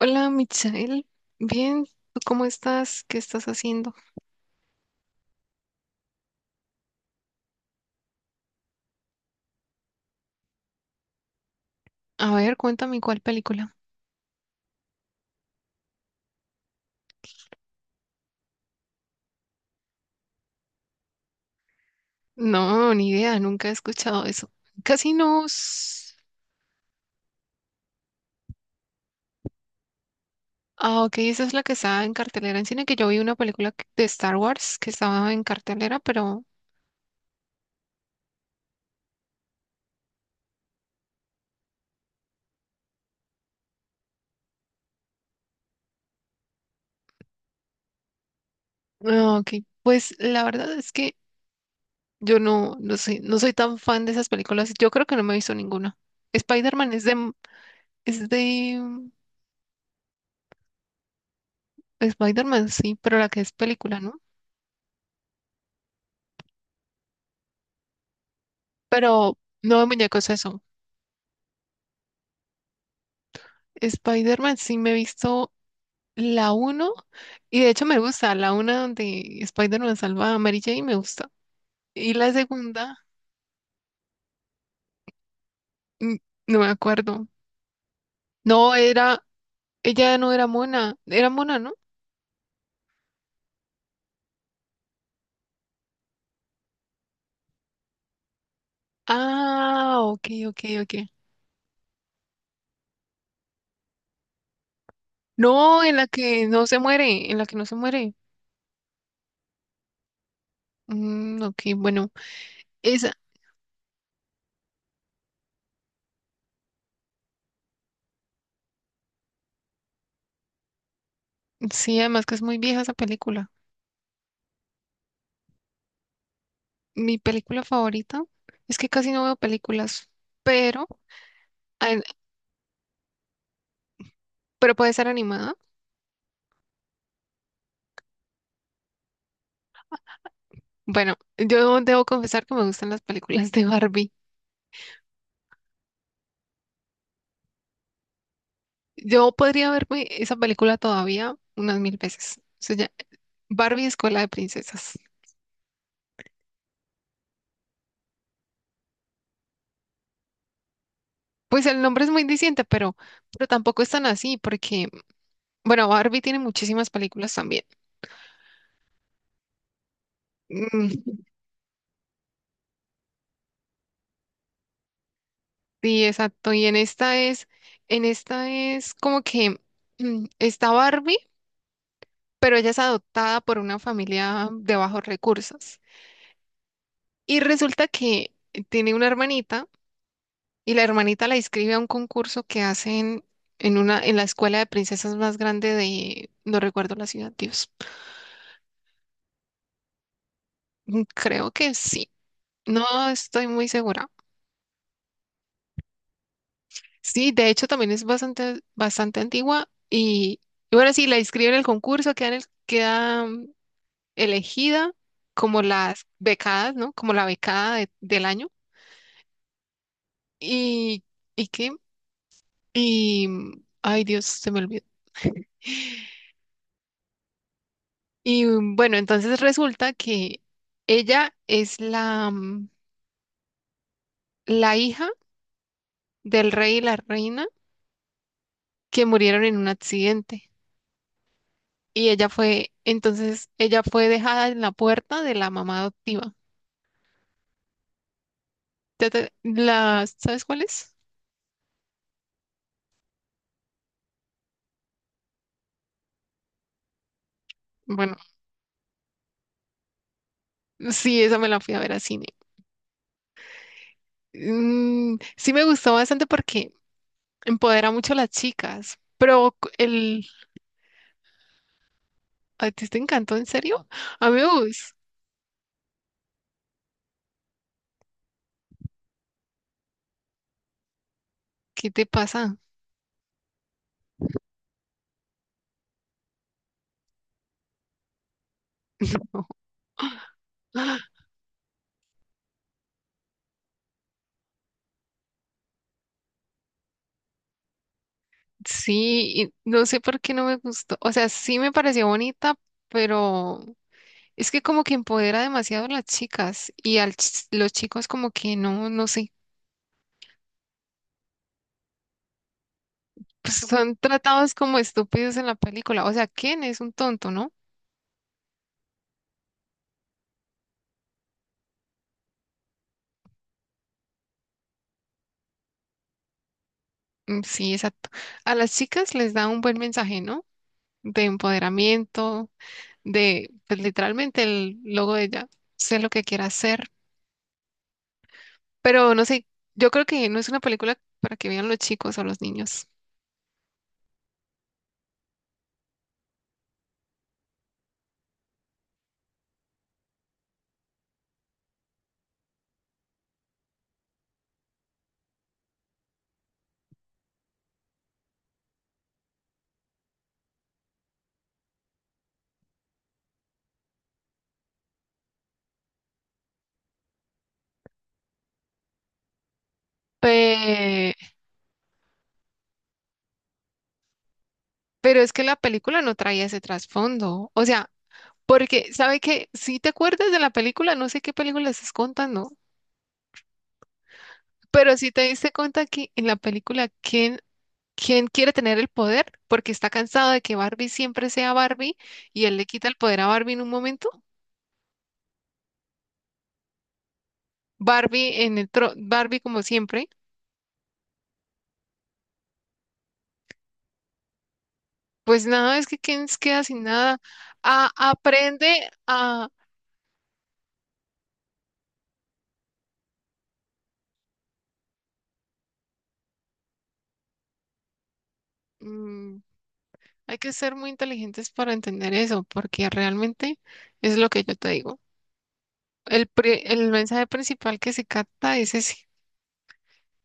Hola, Mitzael. Bien, ¿tú cómo estás? ¿Qué estás haciendo? A ver, cuéntame cuál película. No, ni idea, nunca he escuchado eso. Casi Casinos. Ah, ok, esa es la que estaba en cartelera en cine, que yo vi una película de Star Wars que estaba en cartelera, pero... Ah, ok, pues la verdad es que yo no sé, no soy tan fan de esas películas. Yo creo que no me he visto ninguna. Spider-Man es de... Es de... Spider-Man, sí, pero la que es película, ¿no? Pero no de muñecos eso. Spider-Man sí me he visto la uno y de hecho me gusta, la una donde Spider-Man salva a Mary Jane me gusta. Y la segunda, mm, no me acuerdo. No, era, ella no era mona, era mona, ¿no? Ah, ok, ok, ok. No, en la que no se muere, en la que no se muere. Mm, ok, bueno, esa, sí, además que es muy vieja esa película. Mi película favorita es que casi no veo películas, pero, ah, pero puede ser animada. Bueno, yo debo confesar que me gustan las películas de Barbie. Yo podría verme esa película todavía unas 1000 veces. O sea, Barbie Escuela de Princesas. Pues el nombre es muy diciente, pero tampoco es tan así, porque, bueno, Barbie tiene muchísimas películas también. Mm, sí, exacto. Y en esta es como que está Barbie, pero ella es adoptada por una familia de bajos recursos. Y resulta que tiene una hermanita. Y la hermanita la inscribe a un concurso que hacen en la escuela de princesas más grande de, no recuerdo la ciudad, Dios. Mm, creo que sí. No estoy muy segura. Sí, de hecho también es bastante, bastante antigua. Y bueno, sí, la inscribe en el concurso, queda, queda elegida como las becadas, ¿no? Como la becada del año. Y, ¿Y qué? Y, ay Dios, se me olvidó. Y bueno, entonces resulta que ella es la, la hija del rey y la reina que murieron en un accidente. Y ella fue, entonces ella fue dejada en la puerta de la mamá adoptiva. La, ¿sabes cuál es? Bueno, sí, esa me la fui a ver a cine. Mm, sí me gustó bastante porque empodera mucho a las chicas. Pero el, ¿a ti te encantó en serio? Amigos, ¿qué te pasa? Sí, y no sé por qué no me gustó. O sea, sí me pareció bonita, pero es que como que empodera demasiado a las chicas y a los chicos como que no sé, pues son tratados como estúpidos en la película. O sea, ¿quién es un tonto, no? Mm, sí, exacto. A las chicas les da un buen mensaje, ¿no? De empoderamiento, de pues, literalmente el logo de ella, sé lo que quiera hacer, pero no sé, yo creo que no es una película para que vean los chicos o los niños. Pero es que la película no traía ese trasfondo. O sea, porque, ¿sabe qué? Si te acuerdas de la película, no sé qué película estás contando, pero si te diste cuenta que en la película, ¿quién, quién quiere tener el poder? Porque está cansado de que Barbie siempre sea Barbie y él le quita el poder a Barbie en un momento. Barbie en el tro- Barbie como siempre. Pues nada, es que Ken se queda sin nada. Aprende a... mm, hay que ser muy inteligentes para entender eso, porque realmente es lo que yo te digo. El mensaje principal que se capta es ese.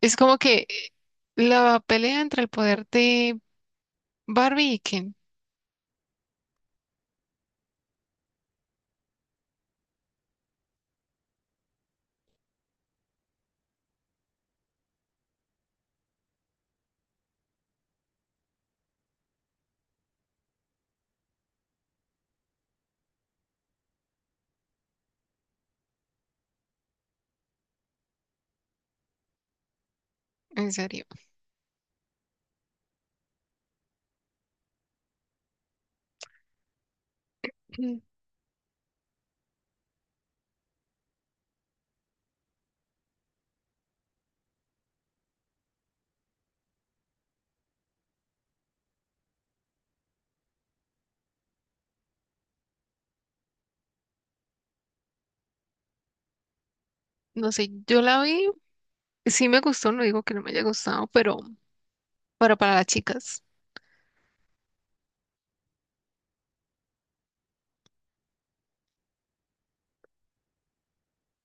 Es como que la pelea entre el poder de Barbie y Ken, en serio. Mm, no sé, yo la vi, sí me gustó, no digo que no me haya gustado, pero para las chicas.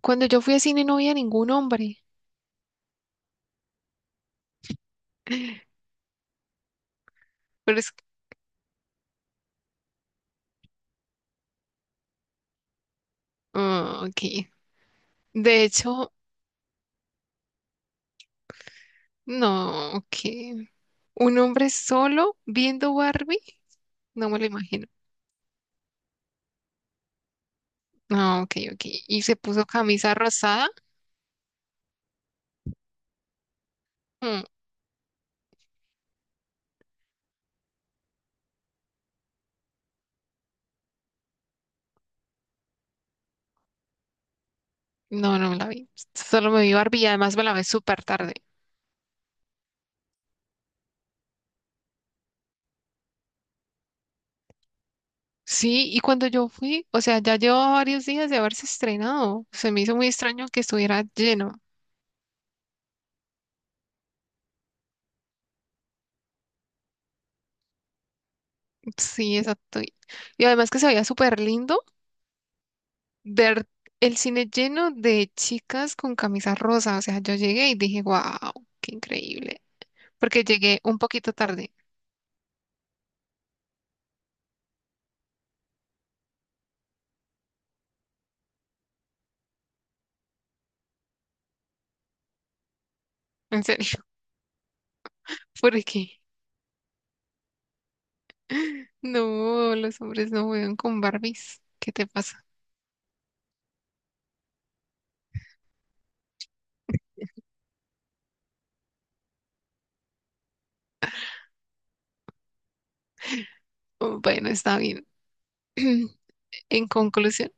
Cuando yo fui a cine no había ningún hombre, pero es... ah, ok. De hecho, no, ok. Un hombre solo viendo Barbie, no me lo imagino. No, ok, ok. Y se puso camisa rosada. Hmm. No, no me la vi. Solo me vi Barbie y además me la vi súper tarde. Sí, y cuando yo fui, o sea, ya llevaba varios días de haberse estrenado. Se me hizo muy extraño que estuviera lleno. Sí, exacto. Y además que se veía súper lindo ver el cine lleno de chicas con camisa rosa. O sea, yo llegué y dije, wow, qué increíble. Porque llegué un poquito tarde, en serio, porque no, los hombres no juegan con Barbies. ¿Qué te pasa? Bueno, está bien. En conclusión.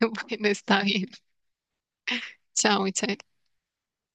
Bueno, está bien. Chao, Michael.